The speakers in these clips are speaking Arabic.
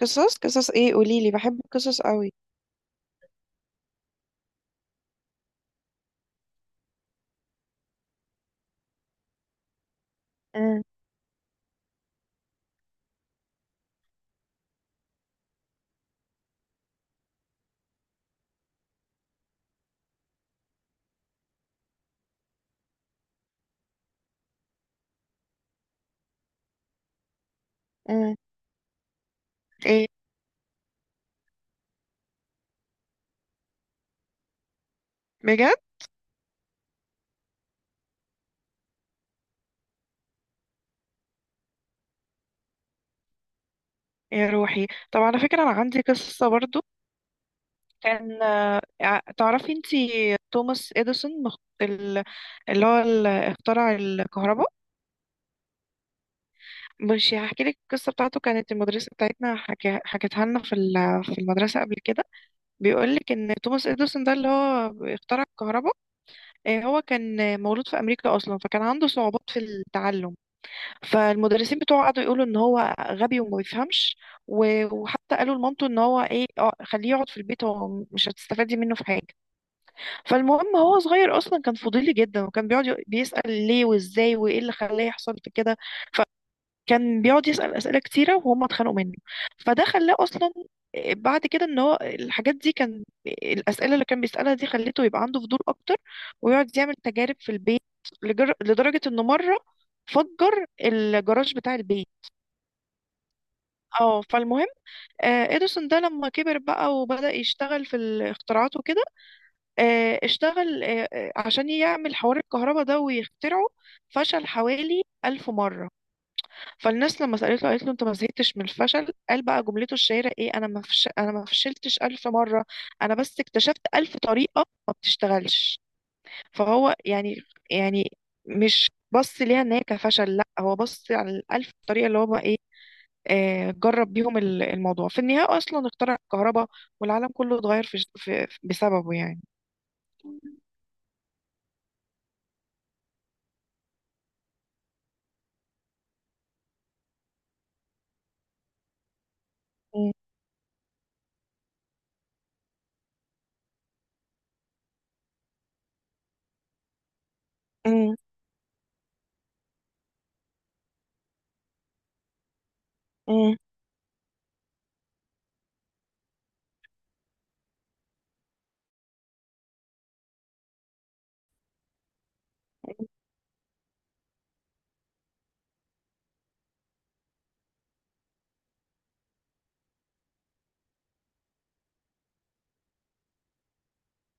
قصص قصص ايه؟ قوليلي، بحب القصص قوي. امم. امم. ايه. بجد. يا روحي، طب على فكرة انا عندي قصة برضو. تعرفي انتي توماس اديسون ال- اللي هو اخترع الكهرباء. مش هحكي لك القصة بتاعته. كانت المدرسة بتاعتنا حكتها لنا في المدرسة قبل كده. بيقول لك ان توماس اديسون ده اللي هو اخترع الكهرباء. هو كان مولود في امريكا اصلا، فكان عنده صعوبات في التعلم. فالمدرسين بتوعه قعدوا يقولوا ان هو غبي وما بيفهمش. و- وحتى قالوا لمامته ان هو ايه، خليه يقعد في البيت، هو مش هتستفادي منه في حاجه. فالمهم هو صغير اصلا كان فضولي جدا، وكان بيقعد بيسأل ليه وازاي وايه اللي خلاه يحصل في كده. ف كان بيقعد يسأل أسئلة كتيرة وهم اتخانقوا منه. فده خلاه أصلا بعد كده ان هو الحاجات دي، كان الأسئلة اللي كان بيسألها دي خلته يبقى عنده فضول أكتر، ويقعد يعمل تجارب في البيت. لدرجة انه مرة فجر الجراج بتاع البيت. اه، فالمهم اديسون ده لما كبر بقى وبدأ يشتغل في الاختراعات وكده. اشتغل عشان يعمل حوار الكهرباء ده ويخترعه. فشل حوالي 1000 مرة. فالناس لما سألته قالت له: انت ما زهقتش من الفشل؟ قال بقى جملته الشهيرة ايه؟ انا ما فشلتش 1000 مرة، انا بس اكتشفت 1000 طريقة ما بتشتغلش. فهو، يعني مش بص ليها ان هي كفشل، لا هو بص على الألف طريقة اللي هو بقى ايه. جرب بيهم ال- الموضوع، في النهاية اصلا اخترع الكهرباء. والعالم كله اتغير بسببه يعني. مم. مم. مم.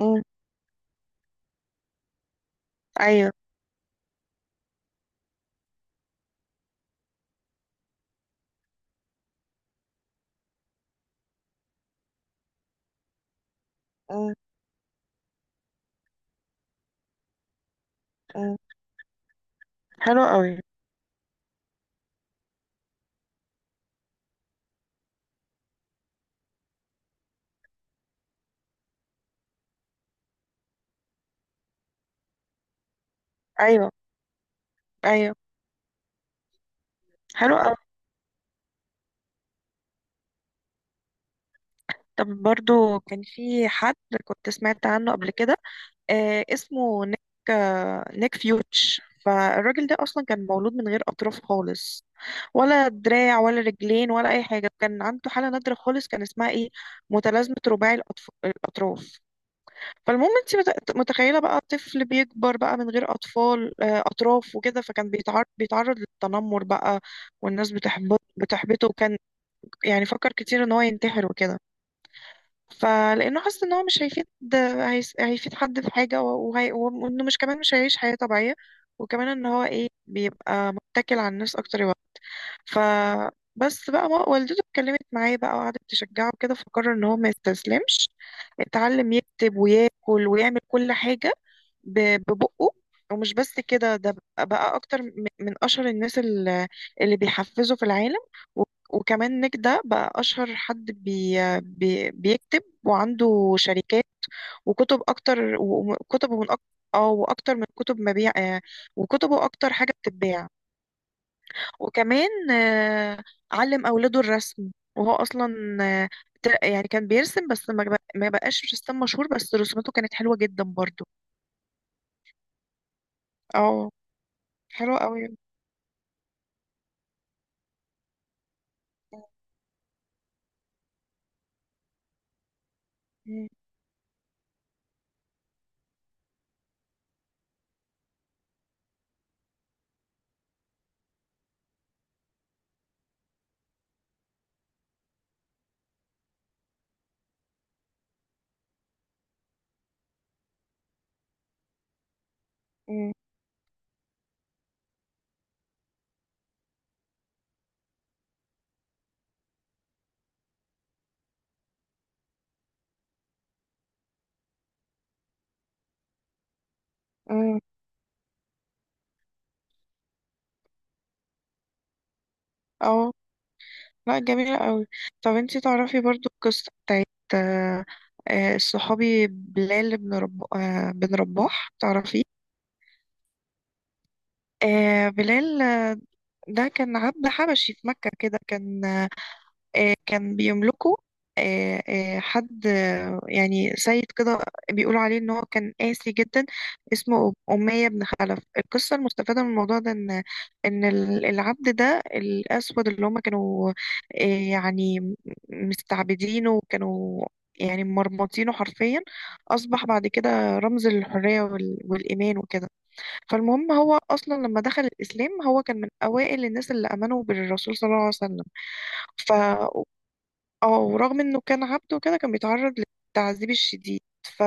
مم. ايوه. مم. مم. حلو قوي. ايوه، ايوه. حلو. طب، برضو كان في حد كنت سمعت عنه قبل كده، اسمه نيك. نيك فيوتش. فالراجل ده اصلا كان مولود من غير اطراف خالص، ولا دراع ولا رجلين ولا اي حاجه. كان عنده حاله نادره خالص، كان اسمها ايه؟ متلازمه رباعي الاطراف. فالمهم انت متخيله بقى طفل بيكبر بقى من غير اطفال آه اطراف وكده. فكان بيتعرض للتنمر بقى. والناس بتحبطه، وكان يعني فكر كتير ان هو ينتحر وكده. فلانه حاسس ان هو مش هيفيد، هيفيد حد في حاجه، و- وهي... وانه مش كمان مش هيعيش حياه طبيعيه، وكمان ان هو ايه بيبقى متكل على الناس اكتر يوقف. ف بس بقى ما والدته اتكلمت معاه بقى وقعدت تشجعه كده، فقرر ان هو ما يستسلمش. اتعلم يكتب وياكل ويعمل كل حاجه. ب- ببقه ومش بس كده، ده بقى اكتر من اشهر الناس اللي بيحفزوا في العالم. و- وكمان نيك ده بقى اشهر حد بي بي بيكتب وعنده شركات، وكتب اكتر، وكتبه من اكتر. اه، واكتر من كتب مبيع، وكتبه اكتر حاجه بتتباع. وكمان علم اولاده الرسم. وهو اصلا آه، يعني كان بيرسم، بس ما بقاش رسام مشهور، بس رسوماته كانت حلوه جدا برضو. اه، حلوه قوي. مم. مم. مم. اه، لا، جميلة قوي. طب انتي تعرفي برضو القصة بتاعت آه، الصحابي بلال بن رباح، تعرفيه؟ بلال ده كان عبد حبشي في مكة كده، كان كان بيملكه حد، يعني سيد كده. بيقولوا عليه ان هو كان قاسي جدا، اسمه أمية بن خلف. القصة المستفادة من الموضوع ده ان العبد ده الأسود اللي هم كانوا، آه، يعني مستعبدينه وكانوا يعني مرمطينه حرفيا، أصبح بعد كده رمز للحرية وال- والإيمان وكده. فالمهم هو أصلا لما دخل الإسلام، هو كان من أوائل الناس اللي آمنوا بالرسول صلى الله عليه وسلم. ف اه ورغم انه كان عبد وكده كان بيتعرض للتعذيب الشديد. ف...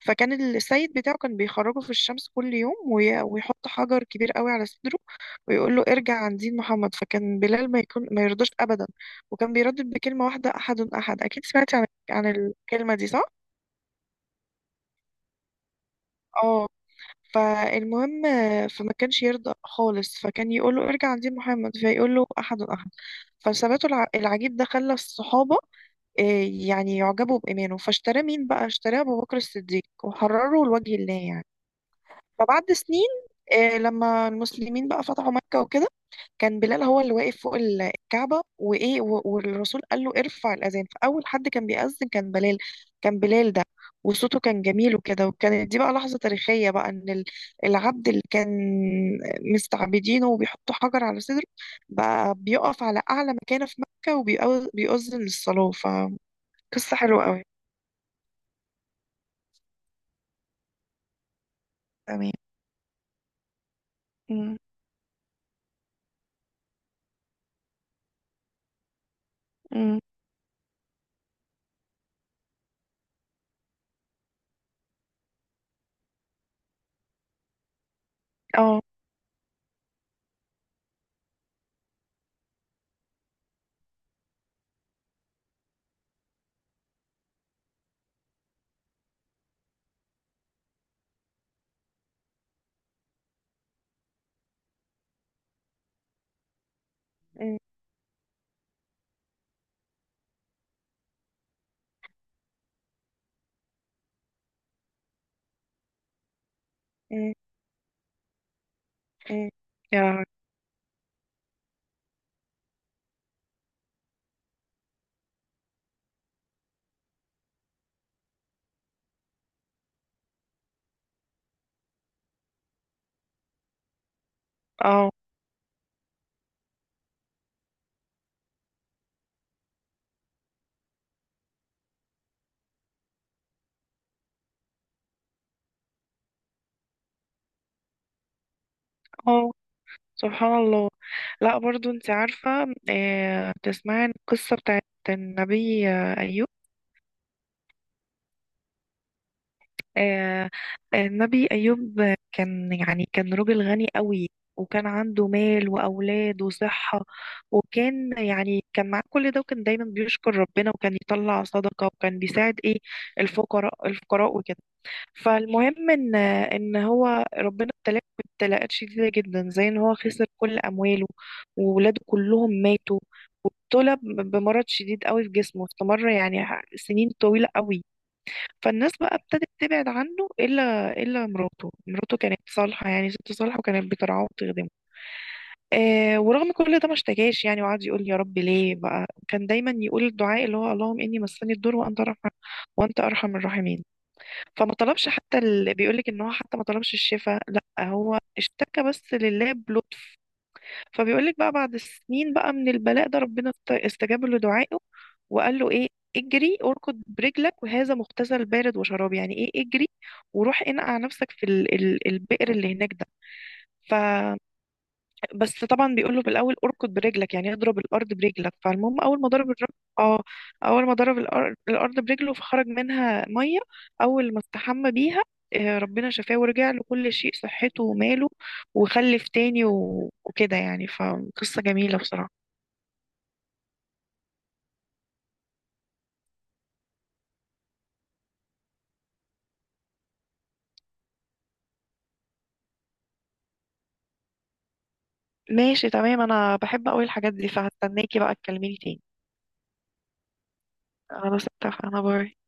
فكان السيد بتاعه كان بيخرجه في الشمس كل يوم، وي... ويحط حجر كبير قوي على صدره، ويقول له: ارجع عن دين محمد. فكان بلال ما يرضاش ابدا، وكان بيردد بكلمة واحدة: احد، احد. اكيد سمعتي عن الكلمة دي، صح؟ اه فالمهم، فما كانش يرضى خالص، فكان يقول له: ارجع عن دين محمد، فيقول له: احد، احد. فثباته الع- العجيب ده خلى الصحابة يعني يعجبوا بإيمانه. فاشتراه مين بقى؟ اشتراه أبو بكر الصديق وحرره لوجه الله يعني. فبعد سنين، لما المسلمين بقى فتحوا مكة وكده، كان بلال هو اللي واقف فوق ال- الكعبة، وإيه و- والرسول قال له: ارفع الأذان. فأول حد كان بيأذن كان بلال. كان بلال ده وصوته كان جميل وكده، وكانت دي بقى لحظة تاريخية بقى، إن العبد اللي كان مستعبدينه وبيحطوا حجر على صدره بقى بيقف على أعلى مكانة في مكة وبيأذن للصلاة. قصة حلوة قوي. تمام. أمم. أمم. اه. أمم. أمم. أمم. يا لهوي. اه. اه، سبحان الله. لا، برضو انت عارفة، تسمعي عن القصة بتاعت النبي أيوب؟ آه، النبي أيوب، كان، يعني، كان راجل غني قوي، وكان عنده مال وأولاد وصحة، وكان يعني كان معاه كل ده، وكان دايما بيشكر ربنا وكان يطلع صدقة وكان بيساعد ايه، الفقراء، الفقراء وكده. فالمهم ان هو ربنا ابتلاه ابتلاءات شديده جدا، زي ان هو خسر كل امواله، وولاده كلهم ماتوا، وابتلى ب- بمرض شديد قوي في جسمه، استمر يعني سنين طويله قوي. فالناس بقى ابتدت تبعد عنه، الا مراته. كانت صالحه، يعني ست صالحه، وكانت بترعاه وتخدمه. ورغم كل ده ما اشتكاش يعني، وقعد يقول يا رب ليه بقى. كان دايما يقول الدعاء اللي هو: اللهم اني مسني الضر وانت ارحم، وانت ارحم الراحمين. فما طلبش حتى بيقولك ان هو حتى ما طلبش الشفاء، لا هو اشتكى بس لله بلطف. فبيقولك بقى بعد سنين بقى من البلاء ده، ربنا استجاب له دعائه، وقال له ايه: اجري اركض برجلك وهذا مغتسل بارد وشراب. يعني ايه اجري؟ وروح انقع نفسك في البئر اللي هناك ده. بس طبعا بيقوله في الاول اركض برجلك، يعني اضرب الارض برجلك. فالمهم اه اول ما ضرب الأر- الارض برجله، فخرج منها ميه. اول ما استحمى بيها، ربنا شفاه ورجع له كل شيء، صحته وماله، وخلف تاني و- وكده يعني. فقصة جميلة بصراحة. ماشي، تمام. انا بحب قوي الحاجات دي، فهستناكي بقى تكلميني تاني. انا بس اتفق. انا باي.